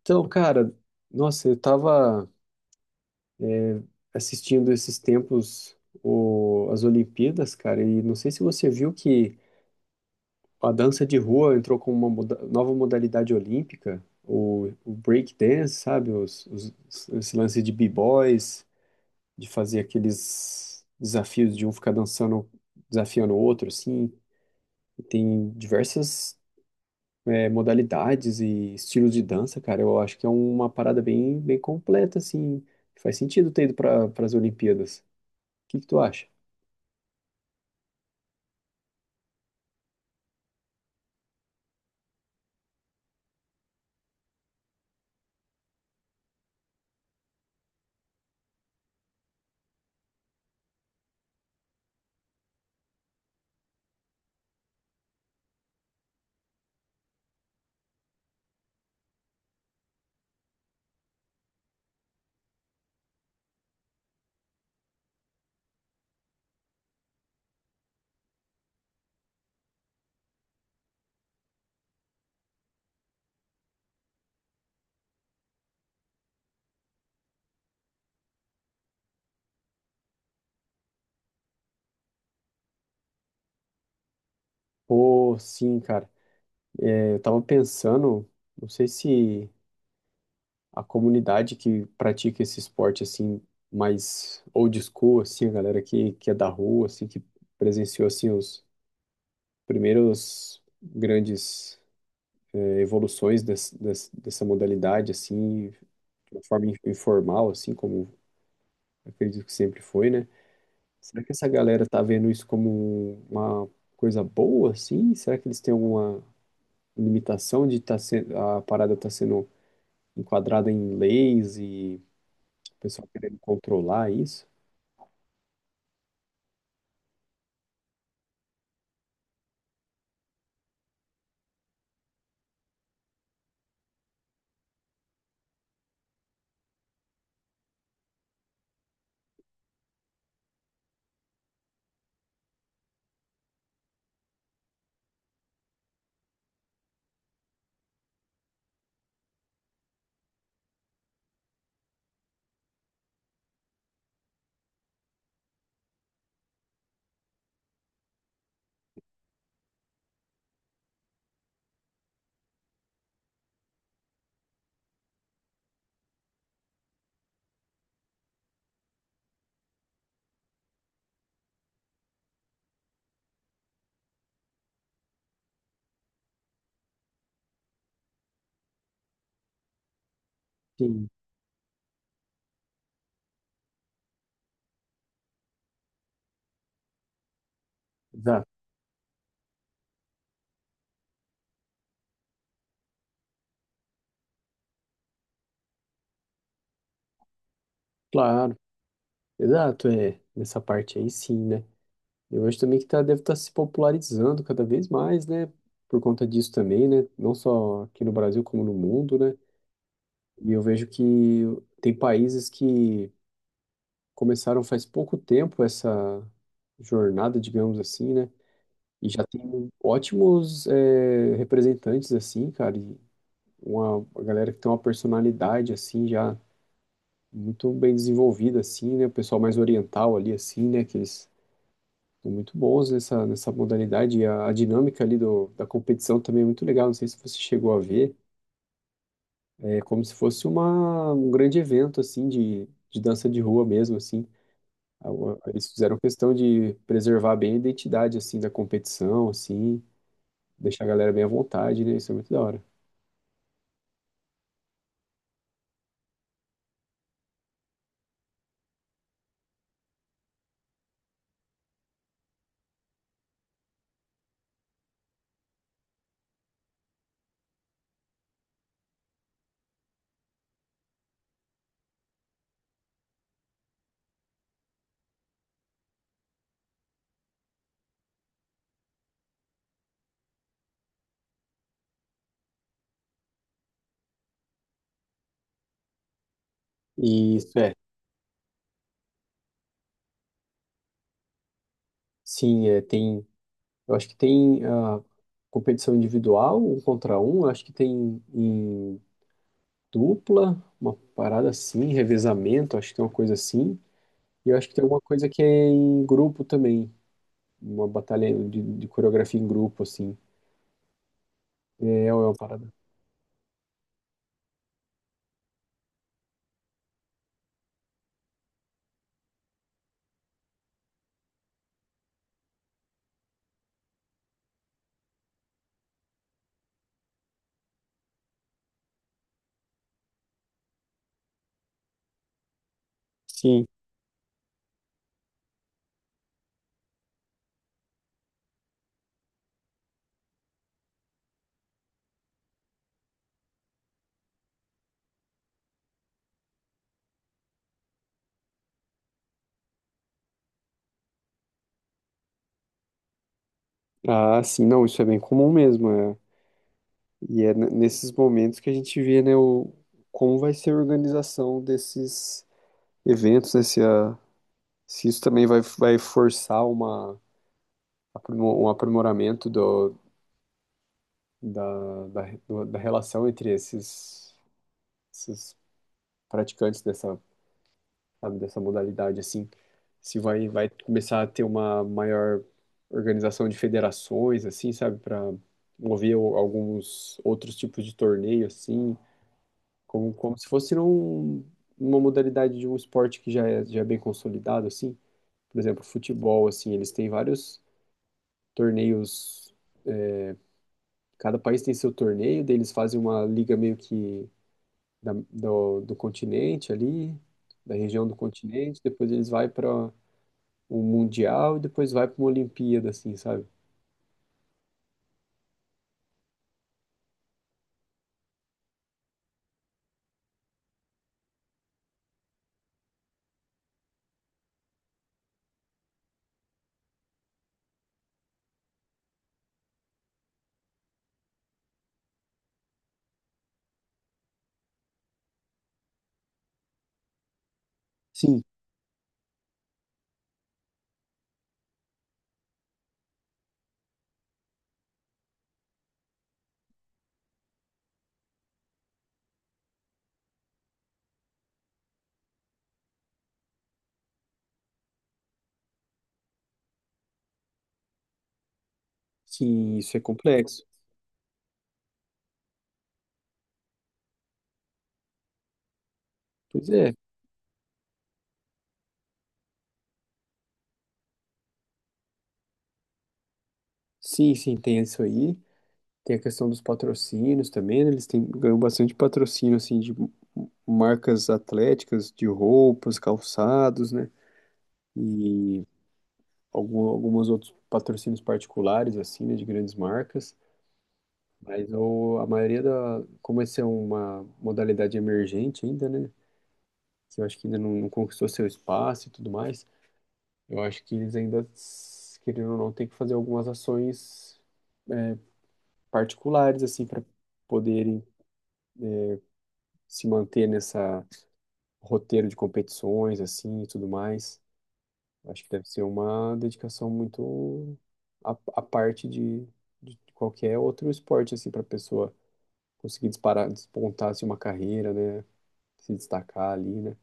Então, cara, nossa, eu tava assistindo esses tempos as Olimpíadas, cara, e não sei se você viu que a dança de rua entrou com uma nova modalidade olímpica, o break dance, sabe? Esse lance de b-boys, de fazer aqueles desafios de um ficar dançando, desafiando o outro, assim. E tem diversas modalidades e estilos de dança, cara, eu acho que é uma parada bem, bem completa, assim. Faz sentido ter ido para as Olimpíadas. O que que tu acha? Pô, sim, cara. Eu tava pensando, não sei se a comunidade que pratica esse esporte, assim, mais old school, assim, a galera que é da rua, assim, que presenciou, assim, os primeiros grandes evoluções dessa modalidade, assim, de uma forma informal, assim, como acredito que sempre foi, né? Será que essa galera tá vendo isso como uma coisa boa, assim? Será que eles têm alguma limitação de tá sendo, a parada tá sendo enquadrada em leis e o pessoal querendo controlar isso? Sim, exato, claro, exato, é, nessa parte aí sim, né? Eu acho também que tá, deve estar se popularizando cada vez mais, né? Por conta disso também, né? Não só aqui no Brasil, como no mundo, né? E eu vejo que tem países que começaram faz pouco tempo essa jornada, digamos assim, né? E já tem ótimos representantes, assim, cara, e uma galera que tem uma personalidade, assim, já muito bem desenvolvida, assim, né? O pessoal mais oriental ali, assim, né? Que eles são muito bons nessa modalidade. E a dinâmica ali da competição também é muito legal. Não sei se você chegou a ver. É como se fosse uma, um grande evento, assim, de dança de rua mesmo, assim. Eles fizeram questão de preservar bem a identidade, assim, da competição, assim, deixar a galera bem à vontade, né? Isso é muito da hora. E isso é. Sim, é, tem. Eu acho que tem a competição individual, um contra um, acho que tem em dupla, uma parada assim, revezamento, acho que tem uma coisa assim. E eu acho que tem alguma coisa que é em grupo também, uma batalha de coreografia em grupo, assim. É, é uma parada. Sim. Ah, sim, não, isso é bem comum mesmo. É. E é nesses momentos que a gente vê, né, o, como vai ser a organização desses eventos, né, se isso também vai, vai forçar uma, um aprimoramento do, da, da, do- da relação entre esses, esses praticantes dessa, sabe, dessa modalidade, assim, se vai, vai começar a ter uma maior organização de federações, assim, sabe, para mover alguns outros tipos de torneio, assim, como, como se fosse num, uma modalidade de um esporte que já é bem consolidado, assim. Por exemplo, futebol, assim, eles têm vários torneios. Cada país tem seu torneio, daí eles fazem uma liga meio que do continente ali, da região do continente, depois eles vai para o Mundial e depois vai para uma Olimpíada, assim, sabe? Sim. Sim, isso é complexo. Pois é, sim, sim, tem isso aí. Tem a questão dos patrocínios também, né? Eles têm, ganham bastante patrocínio, assim, de marcas atléticas, de roupas, calçados, né? E algum, alguns outros patrocínios particulares, assim, né? De grandes marcas. Mas a maioria da... Como essa é uma modalidade emergente ainda, né? Que eu acho que ainda não, não conquistou seu espaço e tudo mais. Eu acho que eles ainda, querendo ou não, têm que fazer algumas ações é, particulares, assim, para poderem se manter nessa roteiro de competições, assim, e tudo mais. Acho que deve ser uma dedicação muito à, à parte de qualquer outro esporte, assim, para a pessoa conseguir disparar, despontar, assim, uma carreira, né? Se destacar ali, né?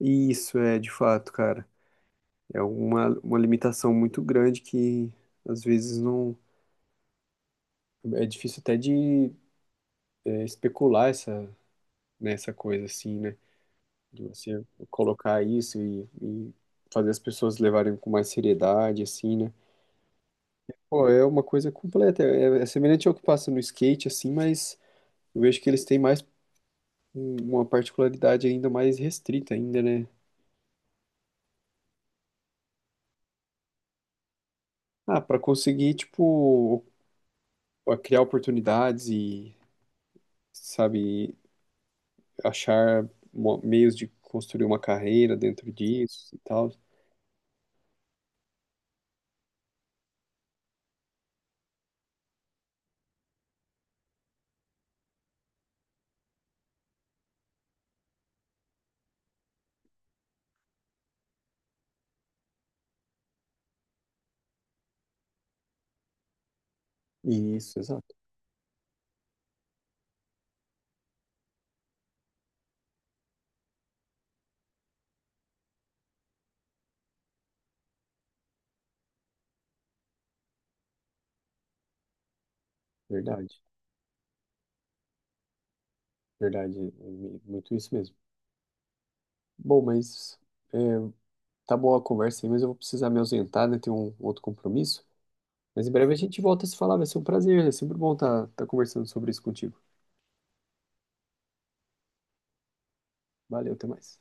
Isso é, de fato, cara. É uma limitação muito grande que, às vezes, não... É difícil até de especular essa, nessa coisa, assim, né? De você colocar isso e fazer as pessoas levarem com mais seriedade, assim, né? Pô, é uma coisa completa, é, é semelhante ao que passa no skate, assim, mas eu vejo que eles têm mais uma particularidade ainda mais restrita ainda, né? Ah, para conseguir, tipo, criar oportunidades e, sabe, achar meios de construir uma carreira dentro disso e tal. Isso, exato. Verdade, verdade. É muito isso mesmo. Bom, mas tá boa a conversa aí, mas eu vou precisar me ausentar, né? Tem um outro compromisso. Mas em breve a gente volta a se falar, vai ser um prazer, é sempre bom estar tá conversando sobre isso contigo. Valeu, até mais.